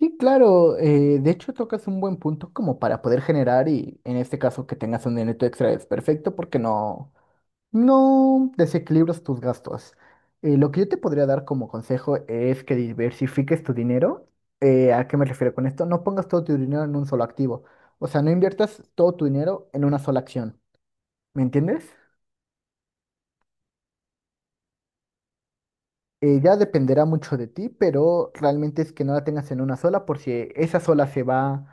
Sí, claro, de hecho tocas un buen punto como para poder generar y en este caso que tengas un dinero extra es perfecto porque no desequilibras tus gastos. Lo que yo te podría dar como consejo es que diversifiques tu dinero. ¿A qué me refiero con esto? No pongas todo tu dinero en un solo activo. O sea, no inviertas todo tu dinero en una sola acción. ¿Me entiendes? Ya dependerá mucho de ti, pero realmente es que no la tengas en una sola, por si esa sola se va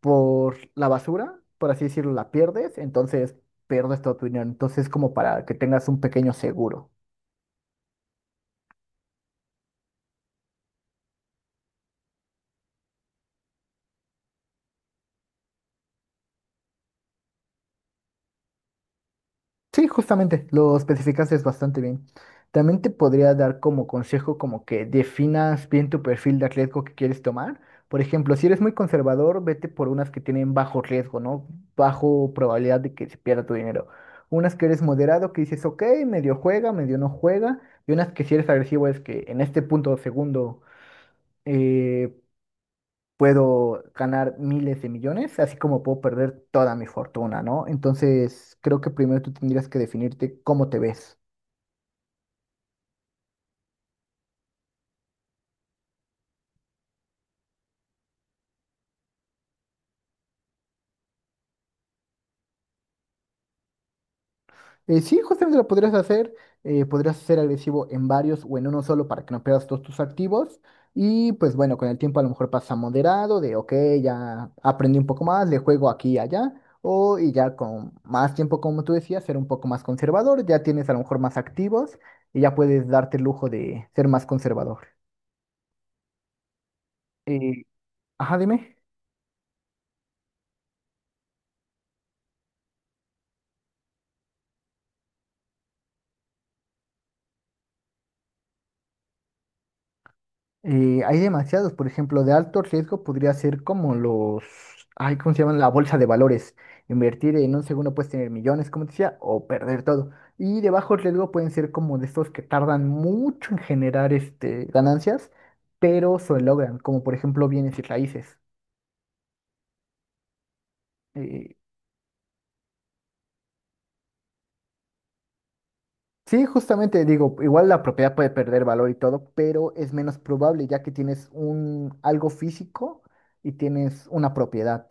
por la basura, por así decirlo, la pierdes, entonces pierdes toda tu dinero. Entonces, como para que tengas un pequeño seguro. Sí, justamente, lo especificaste bastante bien. También te podría dar como consejo como que definas bien tu perfil de riesgo que quieres tomar. Por ejemplo, si eres muy conservador, vete por unas que tienen bajo riesgo, ¿no? Bajo probabilidad de que se pierda tu dinero. Unas que eres moderado, que dices, ok, medio juega, medio no juega. Y unas que si eres agresivo es que en este punto segundo eh, puedo ganar miles de millones, así como puedo perder toda mi fortuna, ¿no? Entonces, creo que primero tú tendrías que definirte cómo te ves. Sí, justamente lo podrías hacer, podrías ser agresivo en varios o en uno solo para que no pierdas todos tus activos. Y pues bueno, con el tiempo a lo mejor pasa moderado, de ok, ya aprendí un poco más, le juego aquí y allá. O y ya con más tiempo, como tú decías, ser un poco más conservador, ya tienes a lo mejor más activos y ya puedes darte el lujo de ser más conservador. Eh, ajá, dime. Hay demasiados, por ejemplo, de alto riesgo podría ser como los, ay, ¿cómo se llaman? La bolsa de valores. Invertir en un segundo puedes tener millones, como te decía, o perder todo. Y de bajo riesgo pueden ser como de estos que tardan mucho en generar este, ganancias, pero se logran, como por ejemplo bienes y raíces. Eh, sí, justamente digo, igual la propiedad puede perder valor y todo, pero es menos probable ya que tienes un algo físico y tienes una propiedad.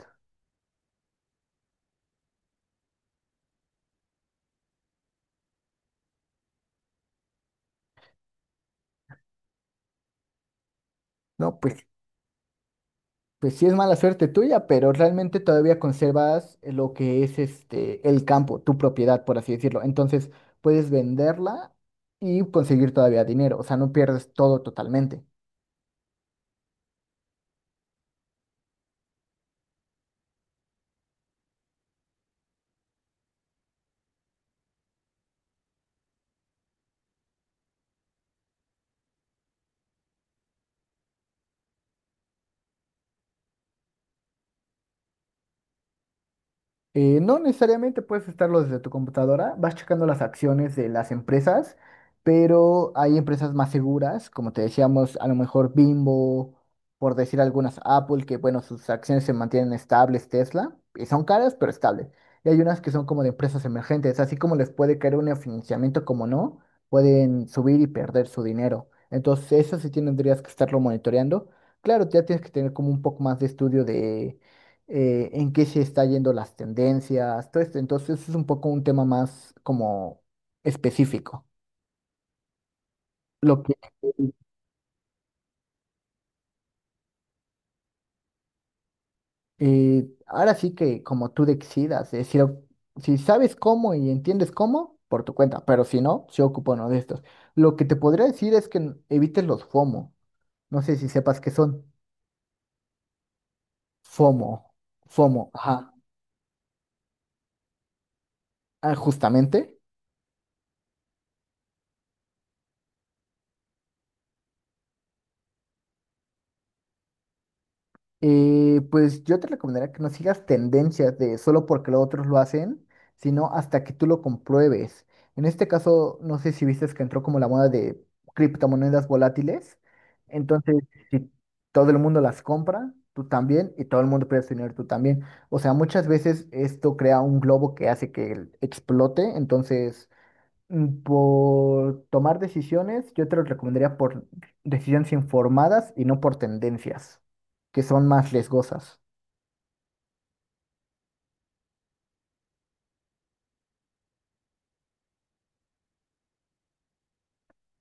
No, pues pues sí es mala suerte tuya, pero realmente todavía conservas lo que es este el campo, tu propiedad, por así decirlo. Entonces puedes venderla y conseguir todavía dinero. O sea, no pierdes todo totalmente. No necesariamente puedes estarlo desde tu computadora, vas checando las acciones de las empresas, pero hay empresas más seguras, como te decíamos, a lo mejor Bimbo, por decir algunas, Apple, que bueno, sus acciones se mantienen estables, Tesla, y son caras, pero estables. Y hay unas que son como de empresas emergentes, así como les puede caer un financiamiento, como no, pueden subir y perder su dinero. Entonces, eso sí tendrías que estarlo monitoreando. Claro, ya tienes que tener como un poco más de estudio de en qué se está yendo las tendencias, todo esto. Entonces es un poco un tema más como específico. Lo que ahora sí que como tú decidas, si sabes cómo y entiendes cómo, por tu cuenta, pero si no, yo ocupo uno de estos. Lo que te podría decir es que evites los FOMO. No sé si sepas qué son. FOMO, FOMO, ajá. Ah, justamente. Pues yo te recomendaría que no sigas tendencias de solo porque los otros lo hacen, sino hasta que tú lo compruebes. En este caso, no sé si viste que entró como la moda de criptomonedas volátiles. Entonces, si todo el mundo las compra, tú también, y todo el mundo pierde su dinero, tú también. O sea, muchas veces esto crea un globo que hace que explote. Entonces, por tomar decisiones, yo te lo recomendaría por decisiones informadas y no por tendencias, que son más riesgosas.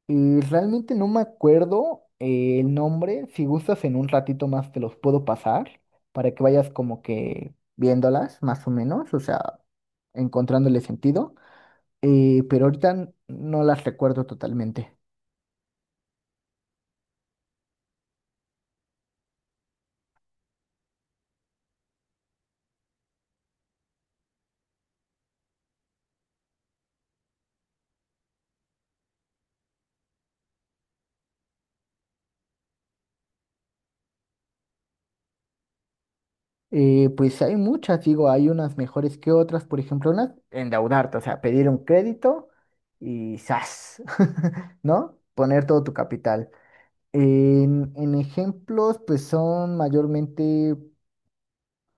Y realmente no me acuerdo el nombre. Si gustas, en un ratito más te los puedo pasar para que vayas como que viéndolas, más o menos, o sea, encontrándole sentido. Pero ahorita no las recuerdo totalmente. Pues hay muchas, digo, hay unas mejores que otras, por ejemplo, unas endeudarte, o sea, pedir un crédito y ¡zas! ¿no? Poner todo tu capital. En ejemplos, pues son mayormente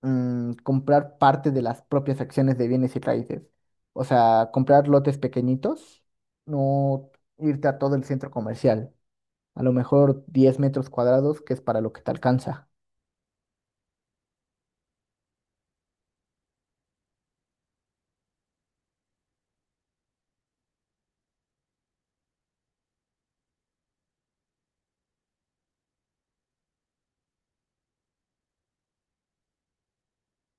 comprar parte de las propias acciones de bienes y raíces, o sea, comprar lotes pequeñitos, no irte a todo el centro comercial, a lo mejor 10 metros cuadrados, que es para lo que te alcanza.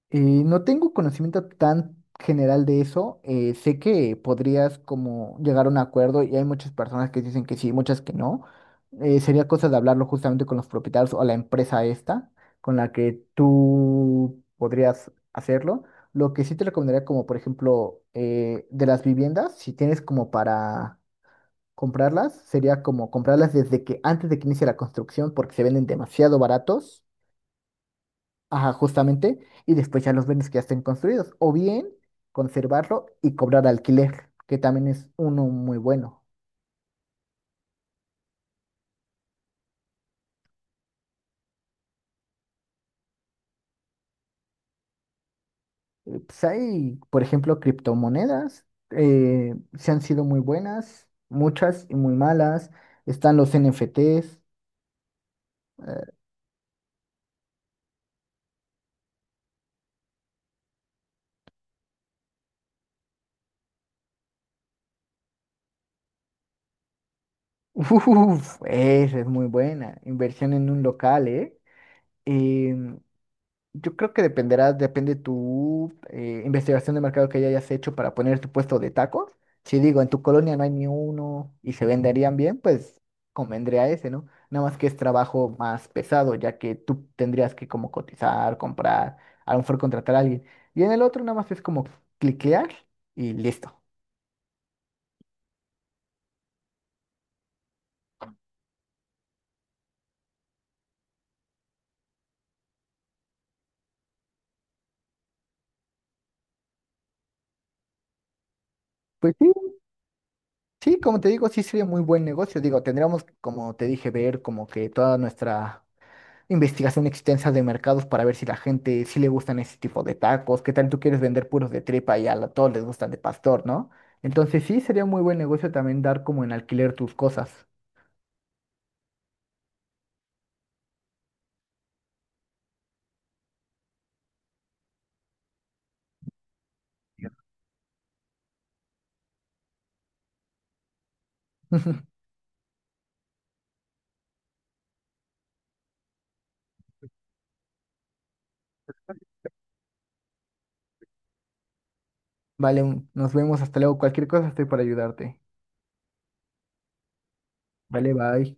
No tengo conocimiento tan general de eso. Sé que podrías como llegar a un acuerdo y hay muchas personas que dicen que sí, muchas que no. Sería cosa de hablarlo justamente con los propietarios o la empresa esta con la que tú podrías hacerlo. Lo que sí te recomendaría como por ejemplo de las viviendas, si tienes como para comprarlas, sería como comprarlas desde que antes de que inicie la construcción porque se venden demasiado baratos. Ajá, justamente, y después ya los vendes que ya estén construidos, o bien conservarlo y cobrar alquiler, que también es uno muy bueno. Pues hay, por ejemplo, criptomonedas, se han sido muy buenas, muchas y muy malas. Están los NFTs, eh, uf, esa es muy buena, inversión en un local, ¿eh? Em, Yo creo que dependerá, depende tu investigación de mercado que ya hayas hecho para poner tu puesto de tacos. Si digo, en tu colonia no hay ni uno y se venderían bien, pues convendría ese, ¿no? Nada más que es trabajo más pesado, ya que tú tendrías que como cotizar, comprar, a lo mejor contratar a alguien. Y en el otro nada más es como cliquear y listo. Pues sí, sí, como te digo, sí sería muy buen negocio. Digo, tendríamos, como te dije, ver como que toda nuestra investigación extensa de mercados para ver si la gente, sí le gustan ese tipo de tacos, qué tal tú quieres vender puros de tripa y todos les gustan de pastor, ¿no? Entonces sí, sería muy buen negocio también dar como en alquiler tus cosas. Vale, nos vemos, hasta luego. Cualquier cosa estoy para ayudarte. Vale, bye.